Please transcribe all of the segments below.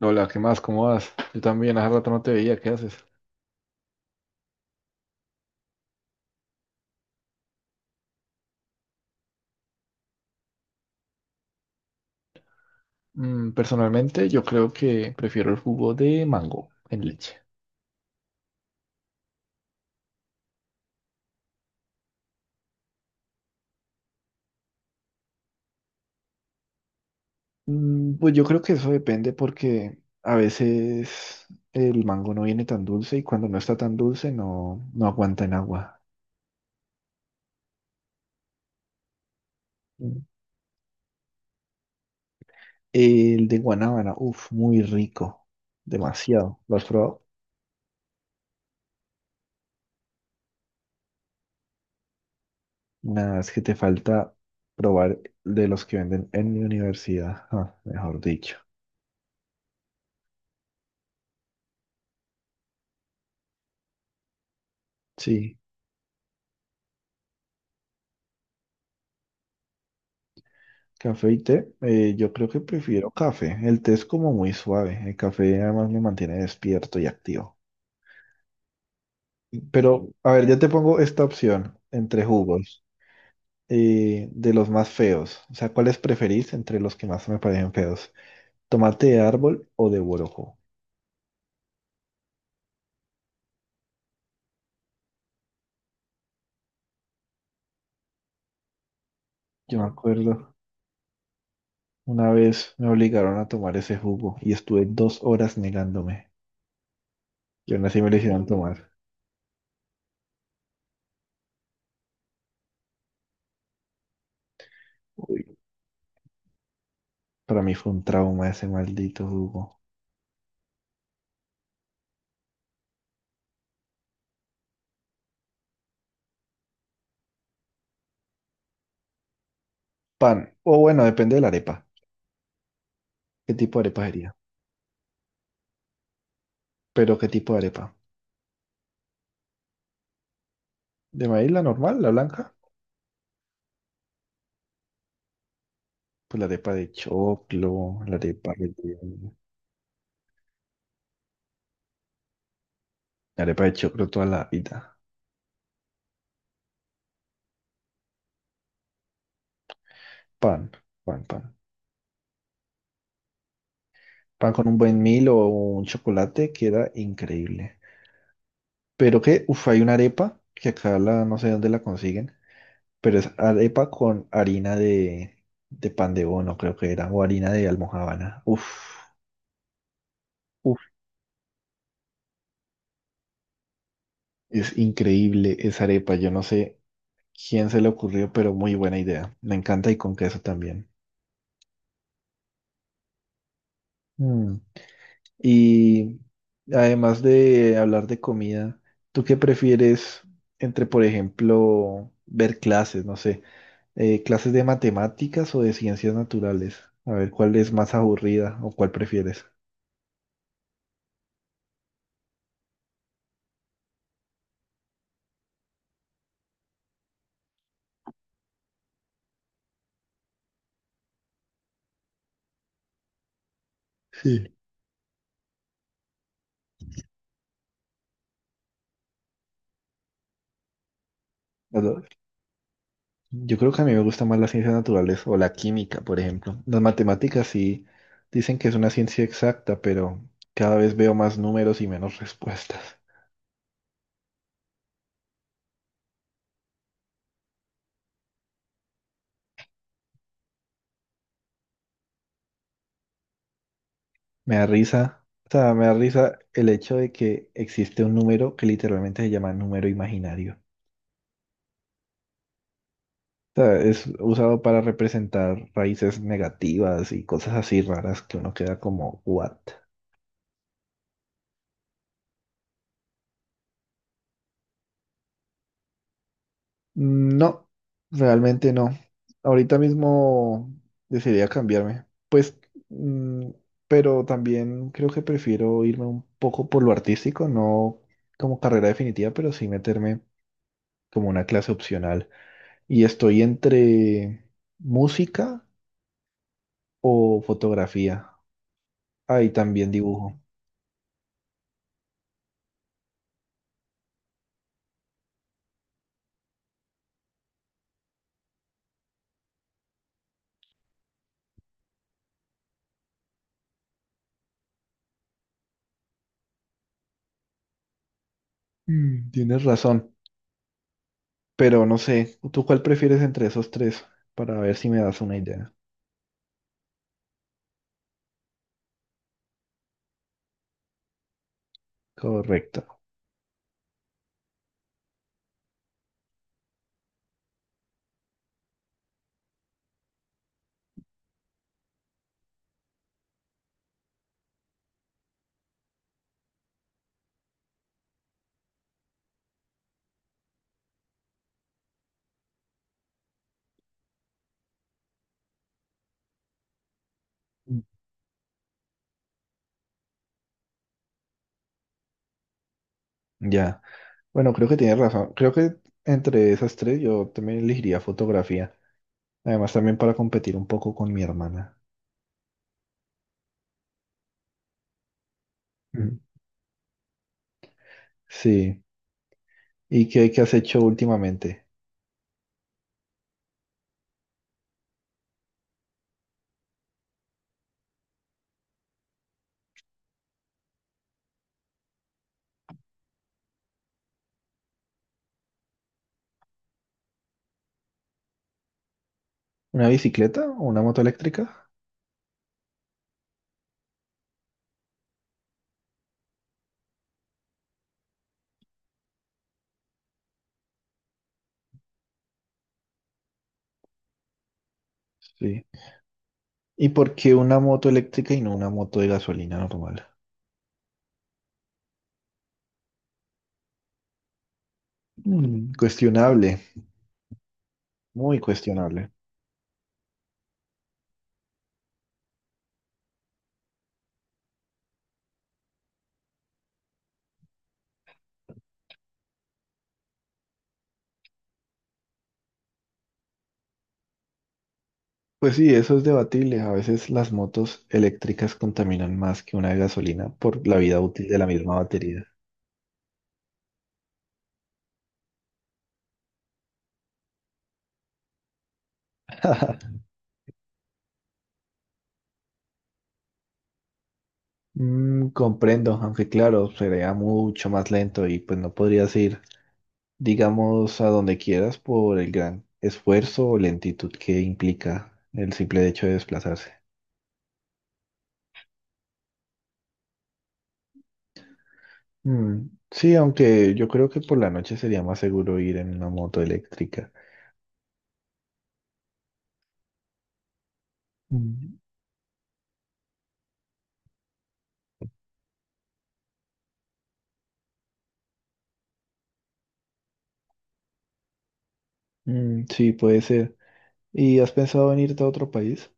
Hola, ¿qué más? ¿Cómo vas? Yo también, hace rato no te veía, ¿qué haces? Mm, personalmente, yo creo que prefiero el jugo de mango en leche. Pues yo creo que eso depende porque a veces el mango no viene tan dulce y cuando no está tan dulce no aguanta en agua. Mm. El de guanábana, uff, muy rico, demasiado. ¿Lo has probado? Nada, es que te falta probar de los que venden en mi universidad, ah, mejor dicho. Sí. Café y té, yo creo que prefiero café. El té es como muy suave. El café además me mantiene despierto y activo. Pero, a ver, yo te pongo esta opción entre jugos, de los más feos. O sea, ¿cuáles preferís entre los que más me parecen feos? ¿Tomate de árbol o de borojó? Yo me acuerdo, una vez me obligaron a tomar ese jugo y estuve dos horas negándome. Y aún así me lo hicieron tomar. Uy, para mí fue un trauma ese maldito jugo. Pan, o bueno, depende de la arepa. ¿Qué tipo de arepa sería? ¿Pero qué tipo de arepa? ¿De maíz la normal, la blanca? Pues la arepa de choclo, la arepa de... La arepa de choclo toda la vida. Pan, pan, pan. Pan con un buen mil o un chocolate queda increíble. Pero que, uff, hay una arepa que acá la, no sé dónde la consiguen, pero es arepa con harina de pan de bono, creo que era, o harina de almojábana. Uff, uff, es increíble esa arepa. Yo no sé quién se le ocurrió, pero muy buena idea. Me encanta y con queso también. Mm. Y además de hablar de comida, ¿tú qué prefieres entre, por ejemplo, ver clases, no sé, clases de matemáticas o de ciencias naturales? A ver, ¿cuál es más aburrida o cuál prefieres? Sí. Bueno, yo creo que a mí me gusta más las ciencias naturales o la química, por ejemplo. Las matemáticas sí dicen que es una ciencia exacta, pero cada vez veo más números y menos respuestas. Me da risa, o sea, me da risa el hecho de que existe un número que literalmente se llama número imaginario. O sea, es usado para representar raíces negativas y cosas así raras que uno queda como, ¿what? Mm, no, realmente no. Ahorita mismo decidiría cambiarme. Pues, mm, pero también creo que prefiero irme un poco por lo artístico, no como carrera definitiva, pero sí meterme como una clase opcional. Y estoy entre música o fotografía. Ahí también dibujo. Mm, tienes razón, pero no sé, ¿tú cuál prefieres entre esos tres? Para ver si me das una idea. Correcto. Mm. Ya. Bueno, creo que tienes razón. Creo que entre esas tres yo también elegiría fotografía. Además, también para competir un poco con mi hermana. Mm. Sí. ¿Y qué has hecho últimamente? ¿Una bicicleta o una moto eléctrica? Sí. ¿Y por qué una moto eléctrica y no una moto de gasolina normal? Mm, cuestionable, muy cuestionable. Pues sí, eso es debatible. A veces las motos eléctricas contaminan más que una de gasolina por la vida útil de la misma batería. Mm, comprendo, aunque claro, sería mucho más lento y pues no podrías ir, digamos, a donde quieras por el gran esfuerzo o lentitud que implica el simple hecho de desplazarse. Mm, Sí, aunque yo creo que por la noche sería más seguro ir en una moto eléctrica. Mm, sí, puede ser. ¿Y has pensado en irte a otro país?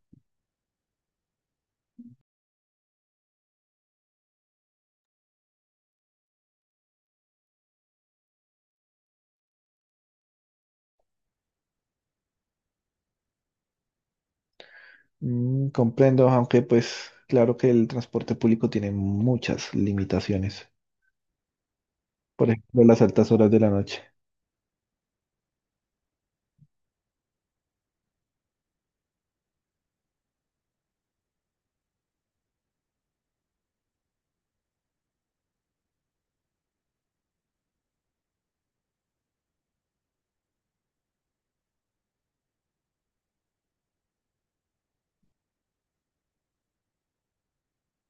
Mm, comprendo, aunque pues claro que el transporte público tiene muchas limitaciones. Por ejemplo, las altas horas de la noche.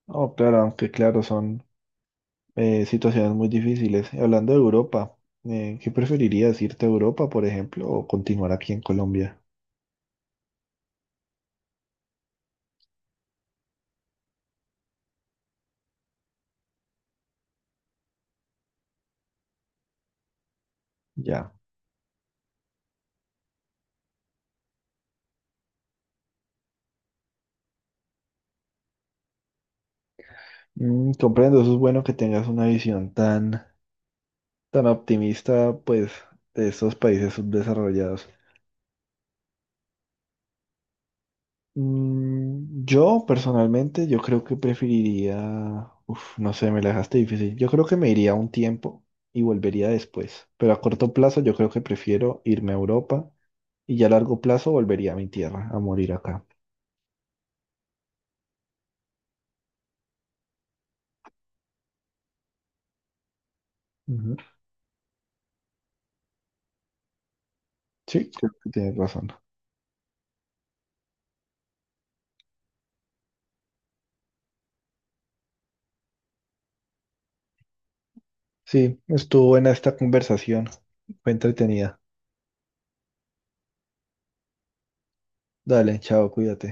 Oh, claro, aunque claro, son situaciones muy difíciles. Y hablando de Europa, ¿qué preferirías? ¿Irte a Europa, por ejemplo, o continuar aquí en Colombia? Ya. Mm, comprendo, eso es bueno que tengas una visión tan tan optimista, pues, de estos países subdesarrollados. Mm, yo, personalmente, yo creo que preferiría, uf, no sé, me la dejaste difícil. Yo creo que me iría un tiempo y volvería después, pero a corto plazo yo creo que prefiero irme a Europa y ya a largo plazo volvería a mi tierra, a morir acá. Ujú. Sí, creo que tienes razón. Sí, estuvo buena esta conversación, fue entretenida. Dale, chao, cuídate.